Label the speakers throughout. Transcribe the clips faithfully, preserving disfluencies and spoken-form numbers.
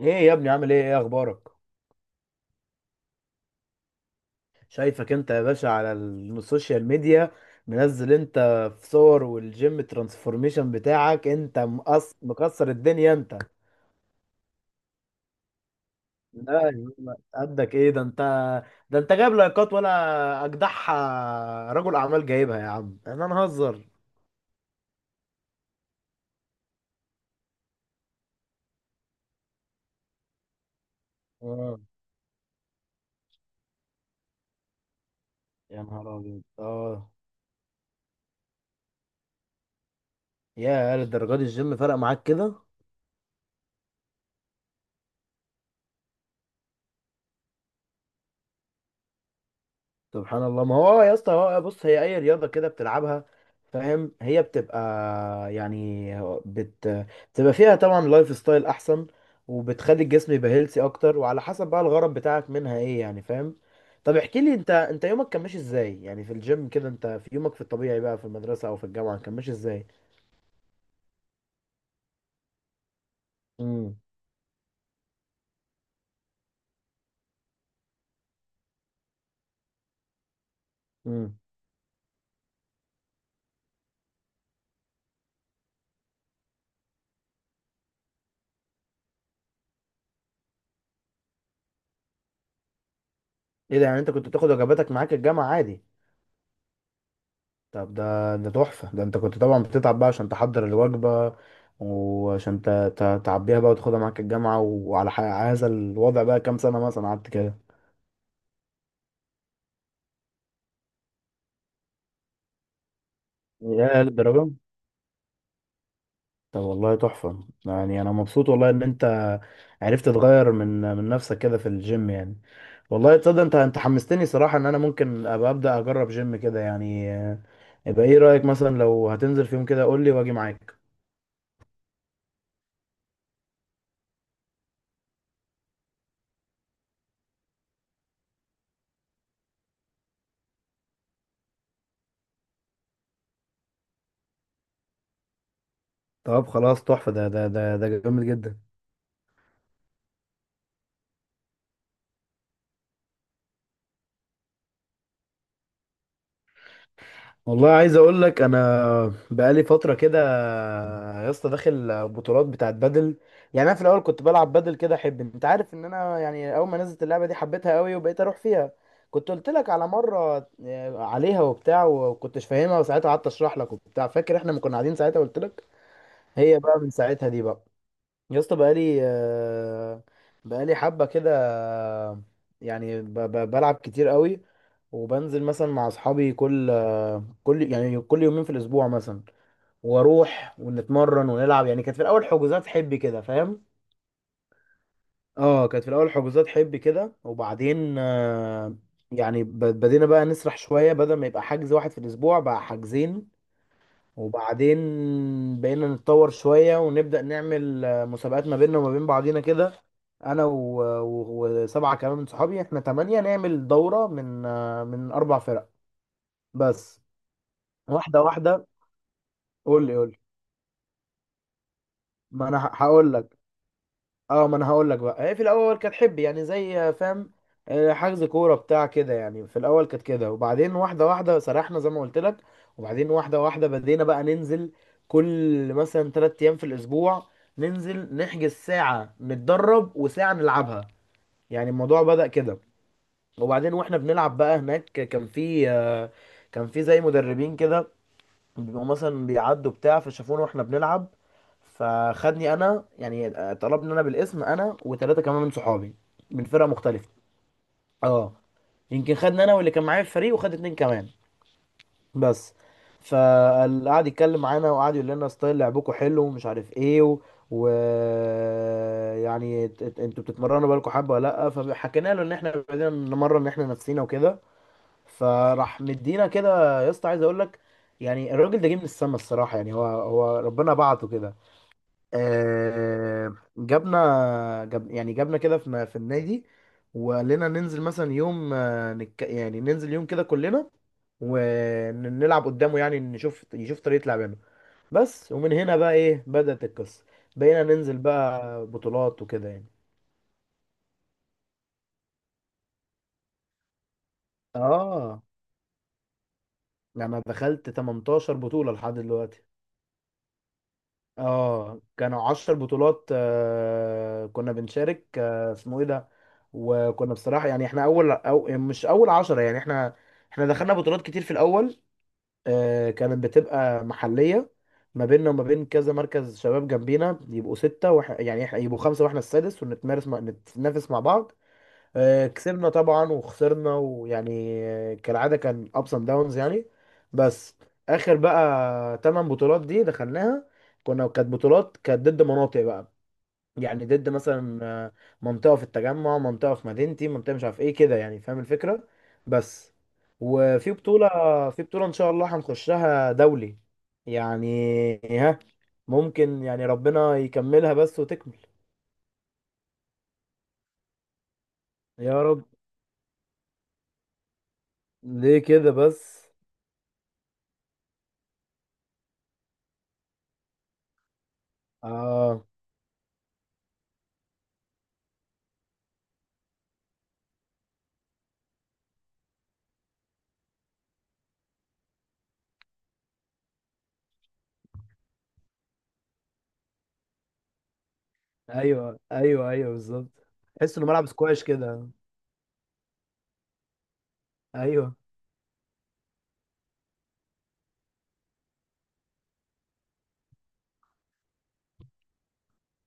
Speaker 1: ايه يا ابني، عامل ايه ايه اخبارك؟ شايفك انت يا باشا على ال- السوشيال ميديا. منزل انت في صور، والجيم ترانسفورميشن بتاعك انت مقص... مكسر الدنيا انت. لا يا عم، قدك ايه ده انت؟ ده انت جايب لايكات، ولا اجدعها رجل اعمال جايبها؟ يا عم احنا نهزر. اه. يا نهار ابيض. اه، يا للدرجه دي! الجيم فرق معاك كده. سبحان الله. ما هو آه يا اسطى، هو آه بص، هي اي رياضه كده بتلعبها، فاهم؟ هي بتبقى يعني بت بتبقى فيها طبعا لايف ستايل احسن، وبتخلي الجسم يبقى هيلثي اكتر، وعلى حسب بقى الغرض بتاعك منها ايه، يعني فاهم. طب احكي لي انت، انت يومك كان ماشي ازاي يعني في الجيم كده؟ انت في يومك في الطبيعي بقى في المدرسه او في الجامعه كان ماشي ازاي؟ امم. امم. ايه ده؟ يعني انت كنت بتاخد وجباتك معاك الجامعه عادي؟ طب ده ده تحفة. ده انت كنت طبعا بتتعب بقى عشان تحضر الوجبة، وعشان ت- ت- تعبيها بقى وتاخدها معاك الجامعة. وعلى ح- هذا الوضع بقى كام سنة مثلا قعدت كده؟ يا للدرجة. طب والله تحفة، يعني انا مبسوط والله ان انت عرفت تغير من من نفسك كده في الجيم يعني. والله تصدق انت انت حمستني صراحة ان انا ممكن ابقى ابدأ اجرب جيم كده يعني، آه، يبقى ايه رأيك؟ مثلا لو هتنزل في يوم كده قول لي واجي معاك. طب خلاص تحفة، ده ده ده ده جامد جدا. والله عايز اقول لك، انا بقالي فتره كده يا اسطى داخل بطولات بتاعت بدل. يعني انا في الاول كنت بلعب بدل كده احب انت عارف ان انا يعني اول ما نزلت اللعبه دي حبيتها قوي وبقيت اروح فيها. كنت قلت لك على مره آه، عليها وبتاع، وكنتش فاهمها، وساعتها قعدت اشرح لك وبتاع. فاكر احنا ما كنا قاعدين ساعتها قلت لك؟ هي بقى من ساعتها دي بقى يا اسطى، بقالي آه، بقالي حبه كده، آه، يعني ب- ب- بلعب كتير قوي. وبنزل مثلا مع اصحابي كل كل يعني كل يومين في الاسبوع مثلا. واروح ونتمرن ونلعب. يعني كانت في الاول حجوزات حب كده، فاهم؟ اه كانت في الاول حجوزات حب كده، وبعدين آه، يعني ب- بدينا بقى نسرح شويه، بدل ما يبقى حجز واحد في الاسبوع بقى حجزين. وبعدين بقينا نتطور شويه ونبدا نعمل آه، مسابقات ما بيننا وما بين بعضينا كده. انا و- و- وسبعه كمان من صحابي، احنا تمانية، نعمل دوره من آه، من اربع فرق بس. واحده واحده. قول لي قول لي ما انا هقول لك. اه ما انا هقول لك بقى. هي في الاول كانت حب يعني زي، فاهم، آه، حجز كوره بتاع كده يعني. في الاول كانت كده، وبعدين واحده واحده سرحنا زي ما قلت لك. وبعدين واحده واحده بدينا بقى ننزل كل مثلا ثلاث ايام في الاسبوع، ننزل نحجز ساعه نتدرب وساعه نلعبها. يعني الموضوع بدأ كده. وبعدين واحنا بنلعب بقى هناك، كان في آه، كان في زي مدربين كده، بيبقوا مثلا بيعدوا بتاع، فشافونا واحنا بنلعب، فخدني انا يعني، طلبني انا بالاسم، انا وثلاثه كمان من صحابي من فرقه مختلفه. اه. يمكن خدني انا واللي كان معايا في الفريق وخد اتنين كمان بس. فقعد يتكلم معانا وقعد يقول لنا ستايل لعبكم حلو، ومش عارف ايه و... و... يعني ت- ت- انتوا بتتمرنوا بقالكم حبه ولا لا؟ فحكينا له ان احنا بدنا نمرن احنا نفسينا وكده. فراح مدينا كده يا اسطى، عايز اقول لك يعني الراجل ده جه من السما الصراحه، يعني هو هو ربنا بعته كده. آه، جابنا، جاب يعني جابنا كده في في النادي، وقال لنا ننزل مثلا يوم، آه، نك يعني ننزل يوم كده كلنا ونلعب قدامه، يعني نشوف، يشوف طريقه لعبنا بس. ومن هنا بقى ايه، بدأت القصه. بقينا ننزل بقى بطولات وكده يعني. اه. يعني انا دخلت تمنتاشر بطوله لحد دلوقتي. اه، كانوا عشر بطولات آه كنا بنشارك، آه اسمه ايه ده، وكنا بصراحة يعني احنا اول أو مش اول عشرة يعني. احنا احنا دخلنا بطولات كتير في الاول. آه كانت بتبقى محلية، ما بيننا وما بين كذا مركز شباب جنبينا، يبقوا ستة وإح... يعني إح- يبقوا خمسة واحنا السادس، ونتمارس مع... نتنافس مع بعض. آه، كسبنا طبعا وخسرنا، ويعني آه، كالعادة، كان ups and downs يعني. بس آخر بقى تمن بطولات دي دخلناها، كنا كانت بطولات كانت ضد مناطق بقى. يعني ضد مثلا آه، منطقة في التجمع، منطقة في مدينتي، منطقة مش عارف ايه كده، يعني فاهم الفكرة بس. وفي بطولة في بطولة إن شاء الله هنخشها دولي يعني، ها، ممكن، يعني ربنا يكملها بس وتكمل. يا رب. ليه كده بس؟ آه. ايوه، ايوه، ايوه، بالظبط. تحس انه ملعب سكواش كده. ايوه،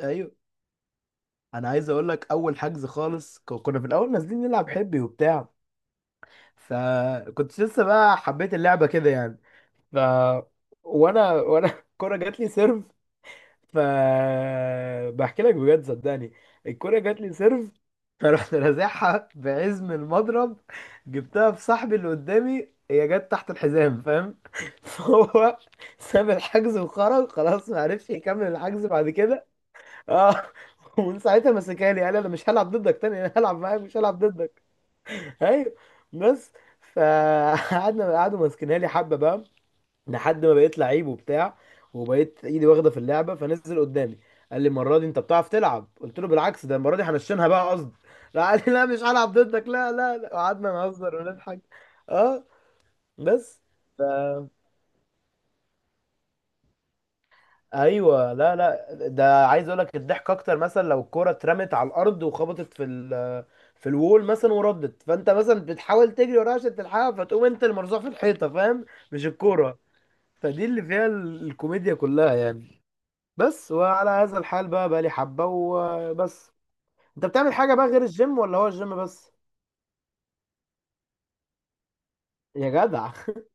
Speaker 1: ايوه. انا عايز اقول لك، اول حجز خالص ك- كنا في الاول نازلين نلعب حبي وبتاع، فكنت لسه بقى حبيت اللعبه كده يعني. ف وانا وانا الكوره جات لي سيرف، فبحكي لك بجد صدقني، الكرة جات لي سيرف، فرحت رازعها بعزم المضرب، جبتها في صاحبي اللي قدامي، هي جت تحت الحزام فاهم؟ فهو ساب الحجز وخرج خلاص، ما عرفش يكمل الحجز بعد كده. اه. ومن ساعتها مسكها لي، قال انا مش هلعب ضدك تاني، انا هلعب معاك، مش هلعب ضدك. ايوه. بس. فقعدنا، قعدوا ماسكينها لي حبه بقى لحد ما بقيت لعيب وبتاع، وبقيت ايدي واخده في اللعبه، فنزل قدامي قال لي المره دي انت بتعرف تلعب. قلت له بالعكس، ده المره دي هنشنها بقى قصد. لا قال لي لا، مش هلعب ضدك، لا لا لا قعدنا نهزر ونضحك. اه. بس. ف... ايوه، لا لا، ده عايز اقول لك الضحك اكتر، مثلا لو الكوره اترمت على الارض وخبطت في ال في الوول مثلا وردت، فانت مثلا بتحاول تجري وراها عشان تلحقها، فتقوم انت المرزوع في الحيطه فاهم؟ مش الكوره. فدي اللي فيها ال- الكوميديا كلها يعني بس. وعلى هذا الحال بقى، بقى لي حبة وبس. انت بتعمل حاجة بقى غير الجيم ولا هو الجيم بس؟ يا جدع.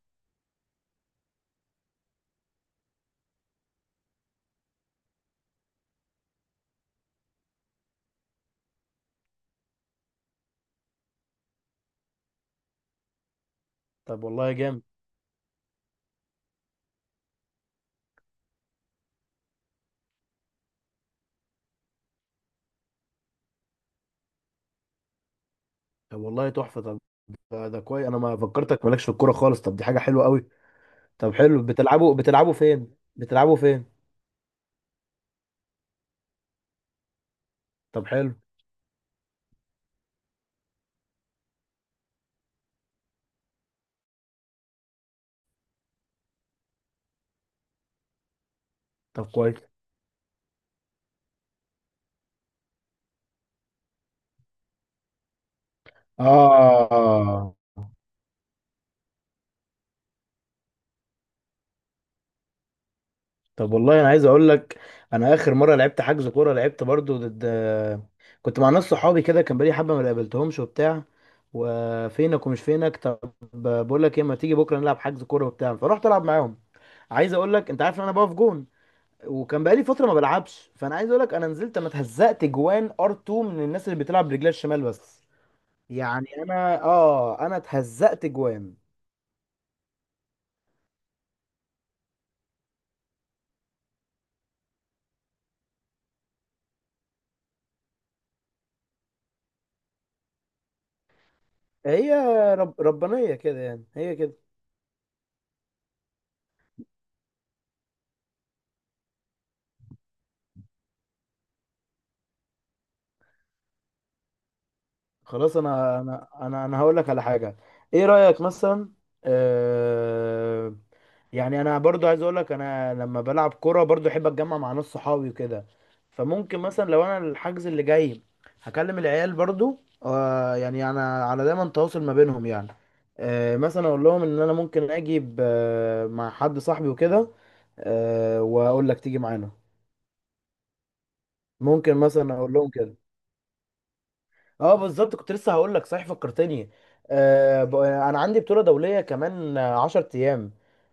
Speaker 1: طب والله جامد. طب والله تحفة. طب ده, ده كويس، انا ما فكرتك مالكش في الكورة خالص. طب دي حاجة حلوة قوي. طب حلو. بتلعبوا بتلعبوا فين بتلعبوا فين طب حلو. طب كويس. اه. طب والله انا عايز اقول لك، انا اخر مره لعبت حجز كوره، لعبت برضو ضد، كنت مع ناس صحابي كده، كان بقالي حبه ما قابلتهمش وبتاع، وفينك ومش فينك. طب بقول لك ايه، ما تيجي بكره نلعب حجز كوره وبتاع؟ فرحت العب معاهم. عايز اقول لك، انت عارف ان انا بقف جون، وكان بقالي فتره ما بلعبش، فانا عايز اقول لك، انا نزلت، انا اتهزقت جوان ار اتنين من الناس اللي بتلعب برجلها الشمال بس. يعني انا اه انا اتهزقت جوان. هي رب... ربانيه كده، يعني هي كده. خلاص، انا انا انا انا هقول لك على حاجه. ايه رايك مثلا؟ آه، يعني انا برضو عايز اقول لك، انا لما بلعب كوره برضو احب اتجمع مع ناس صحابي وكده. فممكن مثلا لو انا الحجز اللي جاي هكلم العيال برضو، آه يعني انا على دايما تواصل ما بينهم يعني. آه مثلا اقول لهم ان انا ممكن اجي ب- مع حد صاحبي وكده، آه واقول لك تيجي معانا. ممكن مثلا اقول لهم كده. اه بالظبط، كنت لسه هقول لك، صحيح فكرتني. آه ب- انا عندي بطولة دولية كمان، آه، عشرة ايام.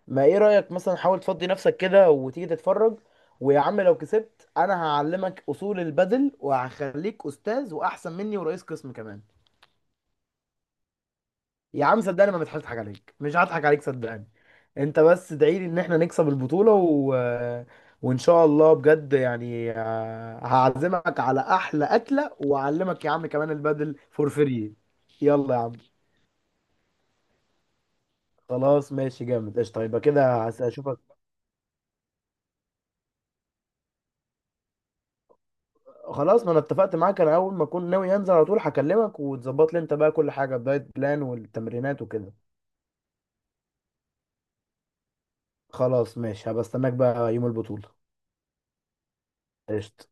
Speaker 1: ما ايه رأيك مثلا حاول تفضي نفسك كده وتيجي تتفرج؟ ويا عم لو كسبت، انا هعلمك اصول البدل وهخليك استاذ واحسن مني ورئيس قسم كمان. يا عم صدقني ما بضحكش، اضحك عليك؟ مش هضحك عليك صدقني. انت بس ادعي لي ان احنا نكسب البطولة و... وان شاء الله بجد يعني، آه، هعزمك على احلى اكلة، واعلمك يا عم كمان البدل فور فري. يلا يا عم. خلاص ماشي جامد قشطه. يبقى كده هس- هشوفك. خلاص، ما انا اتفقت معاك، انا اول ما اكون ناوي انزل على طول هكلمك، وتظبط لي انت بقى كل حاجه، الدايت بلان والتمرينات وكده. خلاص ماشي، هبقى استناك بقى يوم البطوله. قشطه.